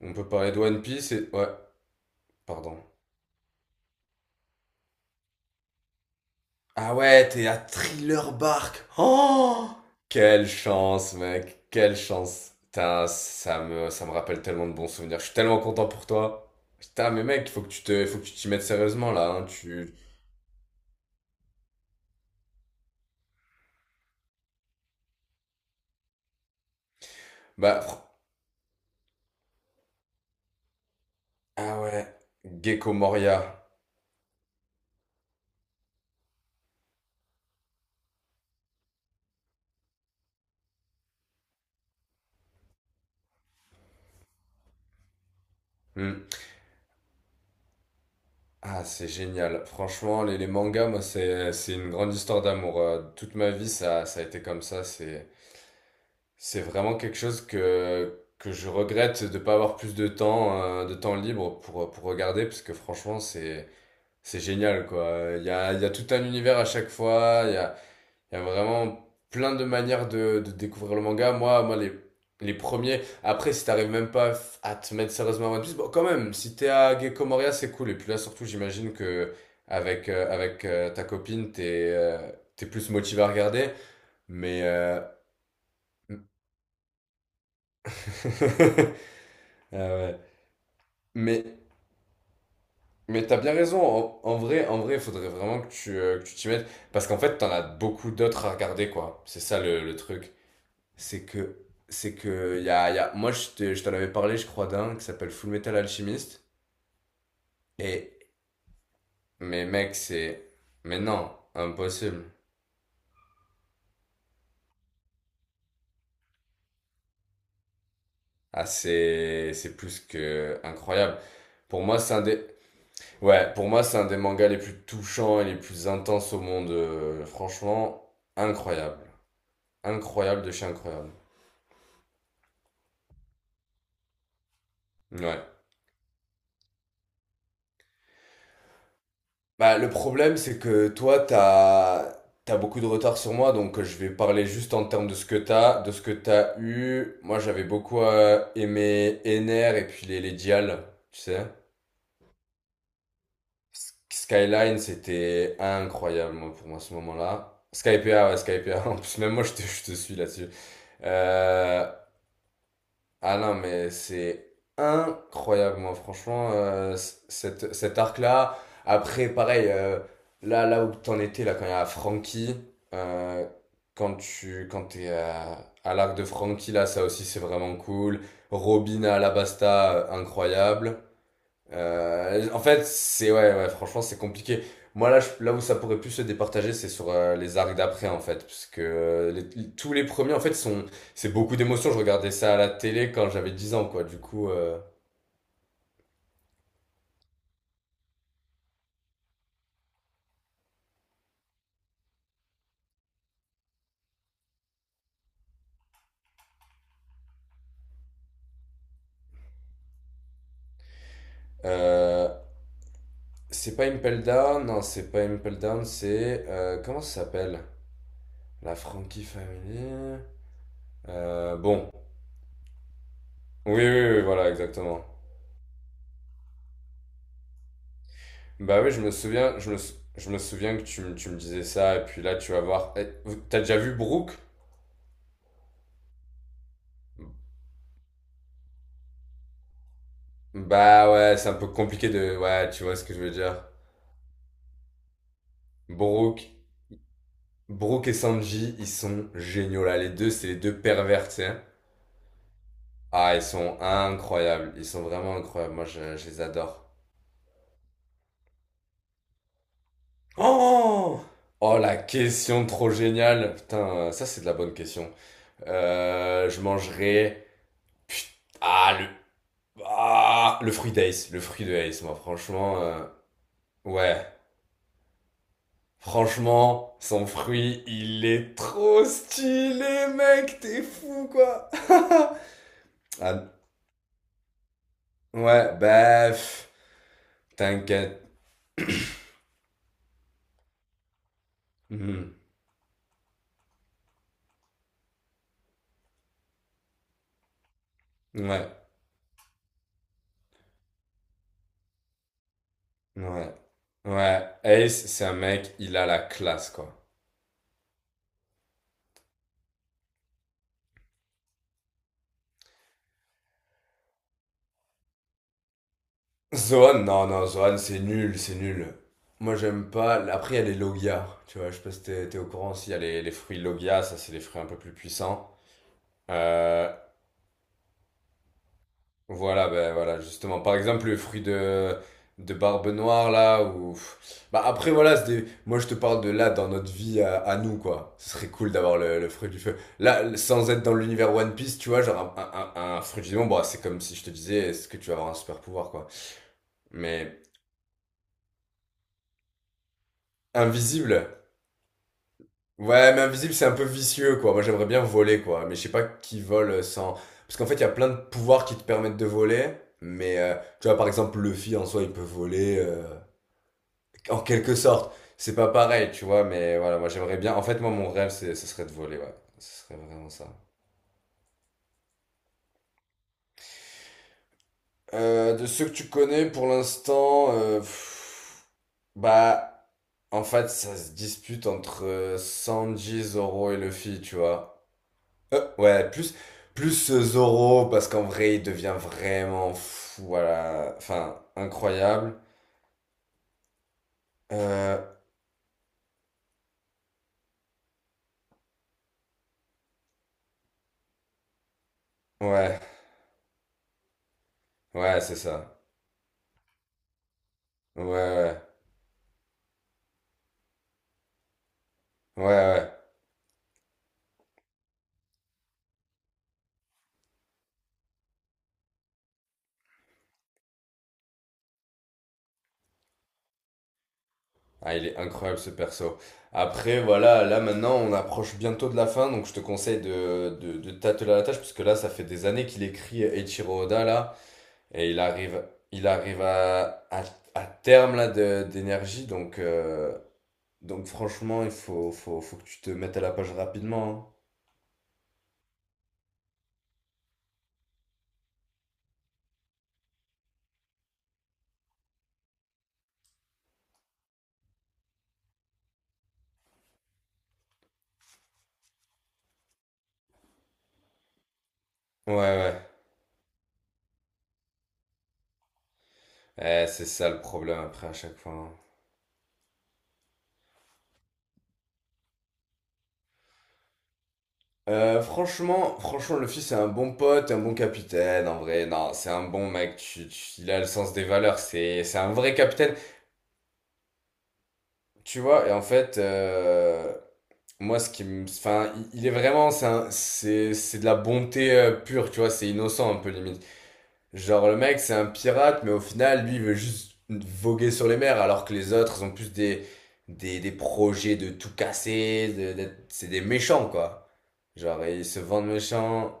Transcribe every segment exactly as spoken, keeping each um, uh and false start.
On peut parler de One Piece et... Ouais, pardon. Ah ouais, t'es à Thriller Bark. Oh! Quelle chance, mec. Quelle chance. Putain, ça me, ça me rappelle tellement de bons souvenirs. Je suis tellement content pour toi. Putain, mais mec, il faut que tu te, il faut que tu t'y mettes sérieusement, là, hein. Tu, bah, fr- ah ouais. Gecko Moria. Hmm. Ah, c'est génial. Franchement, les, les mangas, moi, c'est, c'est une grande histoire d'amour. Euh, Toute ma vie, ça, ça a été comme ça. C'est, C'est vraiment quelque chose que, que je regrette de ne pas avoir plus de temps, euh, de temps libre pour, pour regarder, parce que franchement, c'est, c'est génial, quoi. Il y a, il y a tout un univers à chaque fois, il y a, il y a vraiment plein de manières de, de découvrir le manga. Moi, moi les, les premiers, après, si t'arrives même pas à te mettre sérieusement à One Piece, bon, quand même, si t'es à Gecko Moria, c'est cool. Et puis là, surtout, j'imagine que avec, euh, avec euh, ta copine, t'es, euh, t'es plus motivé à regarder, mais... euh, Ah ouais. Mais, mais t'as bien raison. En, en vrai, en vrai, il faudrait vraiment que tu, euh, que tu t'y mettes. Parce qu'en fait, t'en as beaucoup d'autres à regarder, quoi. C'est ça le, le, truc. C'est que, c'est que, y a, y a... moi, je t'ai- je t'en avais parlé, je crois, d'un qui s'appelle Full Metal Alchemist. Et, mais mec, c'est, mais non, impossible. Ah, c'est, c'est plus que incroyable. Pour moi, c'est un des, Ouais, pour moi, c'est un des mangas les plus touchants et les plus intenses au monde. Euh, franchement, incroyable. Incroyable de chez incroyable. Ouais. Bah, le problème, c'est que toi, t'as, t'as beaucoup de retard sur moi, donc euh, je vais parler juste en termes de ce que t'as, de ce que t'as eu. Moi, j'avais beaucoup euh, aimé Ener et puis les, les, Dial, tu sais. S- Skyline, c'était incroyable, moi, pour moi, ce moment-là. Skypa, ouais, Skypa. En plus, même moi, je te, je te suis là-dessus. Euh, Ah non, mais c'est incroyable, moi, franchement, euh, c- cette, cet arc-là. Après, pareil, euh, là, là où t'en étais, là, quand il y a Frankie, euh, quand tu, quand t'es à, à l'arc de Frankie, là, ça aussi, c'est vraiment cool. Robin à Alabasta, euh, incroyable. Euh, en fait, c'est ouais, ouais, franchement, c'est compliqué. Moi, là, je- là où ça pourrait plus se départager, c'est sur euh, les arcs d'après, en fait, parce que euh, les- tous les premiers, en fait, sont, c'est beaucoup d'émotions. Je regardais ça à la télé quand j'avais dix ans, quoi. Du coup, euh, euh, c'est pas Impel Down, non, c'est pas Impel Down, c'est euh, comment ça s'appelle? La Frankie Family. Euh, bon, oui, oui, oui, oui, voilà, exactement. Bah oui, je me souviens, je me, sou- je me souviens que tu, me- tu me disais ça, et puis là, tu vas voir. Eh, T'as déjà vu Brooke? Bah ouais, c'est un peu compliqué de... Ouais, tu vois ce que je veux dire. Brooke, Brooke et Sanji, ils sont géniaux là. Les deux, c'est les deux pervers, tu sais. Ah, ils sont incroyables. Ils sont vraiment incroyables. Moi, je, je les adore. Oh! Oh, la question trop géniale. Putain, ça, c'est de la bonne question. Euh, je mangerai. Put- Ah, le... Ah, le fruit d'Ace. Le fruit de Ace, moi, franchement... euh, Ouais. Franchement, son fruit, il est trop stylé, mec, t'es fou, quoi. Ah, ouais, bah, pff, t'inquiète. Hmm, Ouais, ouais, ouais. Ace, c'est un mec, il a la classe, quoi. Zoan, non, non, Zoan, c'est nul, c'est nul. Moi, j'aime pas. Après, il y a les Logia, tu vois, je sais pas si t'es t'es au courant, s'il y a les, les, fruits Logia, ça, c'est des fruits un peu plus puissants. Euh, Voilà, ben voilà, justement. Par exemple, le fruit de, de Barbe Noire, là, ou... Bah après, voilà, c'est des- moi je te parle de là, dans notre vie à, à nous, quoi. Ce serait cool d'avoir le, le fruit du feu. Là, sans être dans l'univers One Piece, tu vois, genre un, un, un- un fruit du démon, bon, c'est comme si je te disais, est-ce que tu vas avoir un super pouvoir, quoi. Mais invisible. Ouais, mais invisible, c'est un peu vicieux, quoi. Moi, j'aimerais bien voler, quoi. Mais je sais pas qui vole sans. Parce qu'en fait, il y a plein de pouvoirs qui te permettent de voler. Mais, euh, tu vois, par exemple, Luffy, en soi, il peut voler... euh, En quelque sorte, c'est pas pareil, tu vois, mais voilà, moi j'aimerais bien. En fait, moi, mon rêve, c'est, ce serait de voler, ouais. Ce serait vraiment ça. Euh, de ceux que tu connais pour l'instant, euh, pff, bah, en fait, ça se dispute entre euh, Sanji, Zoro et Luffy, tu vois. Euh, ouais, plus, plus euh, Zoro, parce qu'en vrai, il devient vraiment fou, voilà. Enfin, incroyable. Euh, ouais, ouais, c'est ça. Ouais, ouais, ouais, ouais. Ah, il est incroyable ce perso. Après, voilà, là maintenant on approche bientôt de la fin, donc je te conseille de, de, de t'atteler à la tâche, parce que là ça fait des années qu'il écrit Eiichiro Oda, là, et il arrive, il arrive à, à, à, terme là de- d'énergie, donc, euh, donc franchement il faut, faut, faut que tu te mettes à la page rapidement. Hein. Ouais, ouais. Eh, c'est ça le problème après à chaque fois, hein. Euh, franchement, franchement, Luffy, c'est un bon pote, un bon capitaine, en vrai. Non, c'est un bon mec. Tu, tu- il a le sens des valeurs. C'est, c'est un vrai capitaine. Tu vois, et en fait, euh, moi, ce qui me, enfin, il, il est vraiment, c'est un- c'est, c'est de la bonté euh, pure, tu vois. C'est innocent, un peu limite. Genre, le mec, c'est un pirate, mais au final, lui, il veut juste voguer sur les mers, alors que les autres, ils ont plus des, des, des projets de tout casser, de, d'être- c'est des méchants, quoi. Genre, ils se vendent méchants.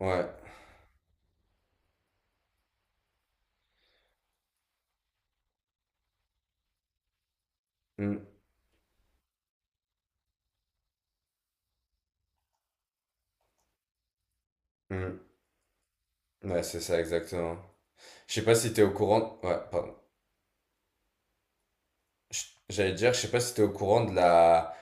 Ouais. Mm. Mhm. Ouais, c'est ça, exactement. Je sais pas si t'es au courant. Ouais, pardon. Ch- J'allais dire, je sais pas si t'es au courant de la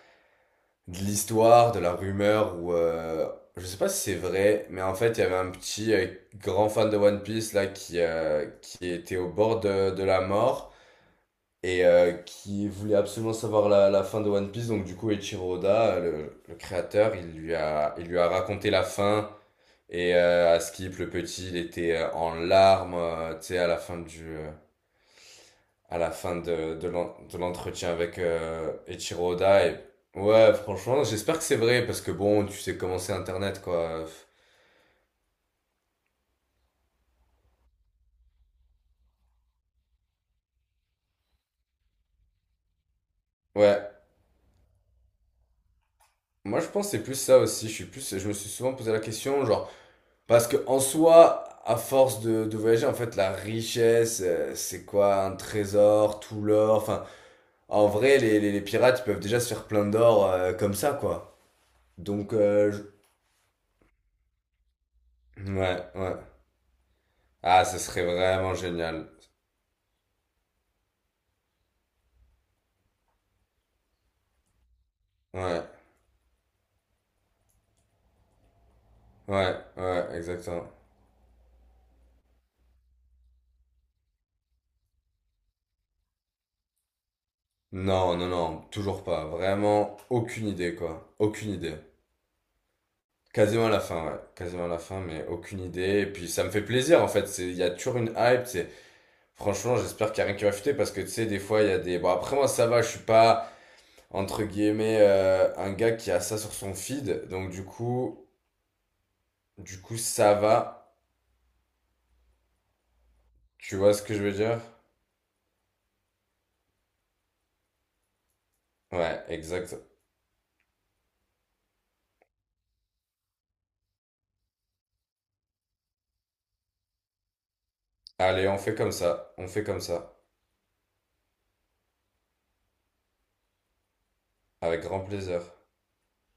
de l'histoire, de la rumeur ou euh, je sais pas si c'est vrai, mais en fait, il y avait un petit euh, grand fan de One Piece là qui euh, qui était au bord de, de la mort et euh, qui voulait absolument savoir la, la fin de One Piece. Donc du coup, Eiichiro Oda, le, le créateur, il lui a il lui a raconté la fin et euh, à Skip le petit, il était euh, en larmes, euh, tu sais, à la fin du euh, à la fin de, de l'en- de l'entretien avec euh, Eiichiro Oda. Et. Ouais, franchement, j'espère que c'est vrai, parce que bon, tu sais comment c'est Internet, quoi. Ouais, moi je pense que c'est plus ça aussi. Je suis plus, je me suis souvent posé la question, genre, parce que en soi, à force de, de voyager, en fait, la richesse, euh, c'est quoi? Un trésor, tout l'or, enfin, en vrai, les, les, les pirates, ils peuvent déjà se faire plein d'or euh, comme ça, quoi. Donc, euh, je- ouais, ouais. Ah, ce serait vraiment génial. Ouais, ouais, ouais, exactement. Non, non, non, toujours pas. Vraiment, aucune idée, quoi. Aucune idée. Quasiment à la fin, ouais. Quasiment à la fin, mais aucune idée. Et puis, ça me fait plaisir, en fait. C'est, il y a toujours une hype, c'est... Franchement, j'espère qu'il y a rien qui va fuiter, parce que, tu sais, des fois, il y a des. Bon, après, moi, ça va, je suis pas, entre guillemets, euh, un gars qui a ça sur son feed. Donc, du coup, du coup, ça va. Tu vois ce que je veux dire? Ouais, exact. Allez, on fait comme ça. On fait comme ça. Avec grand plaisir.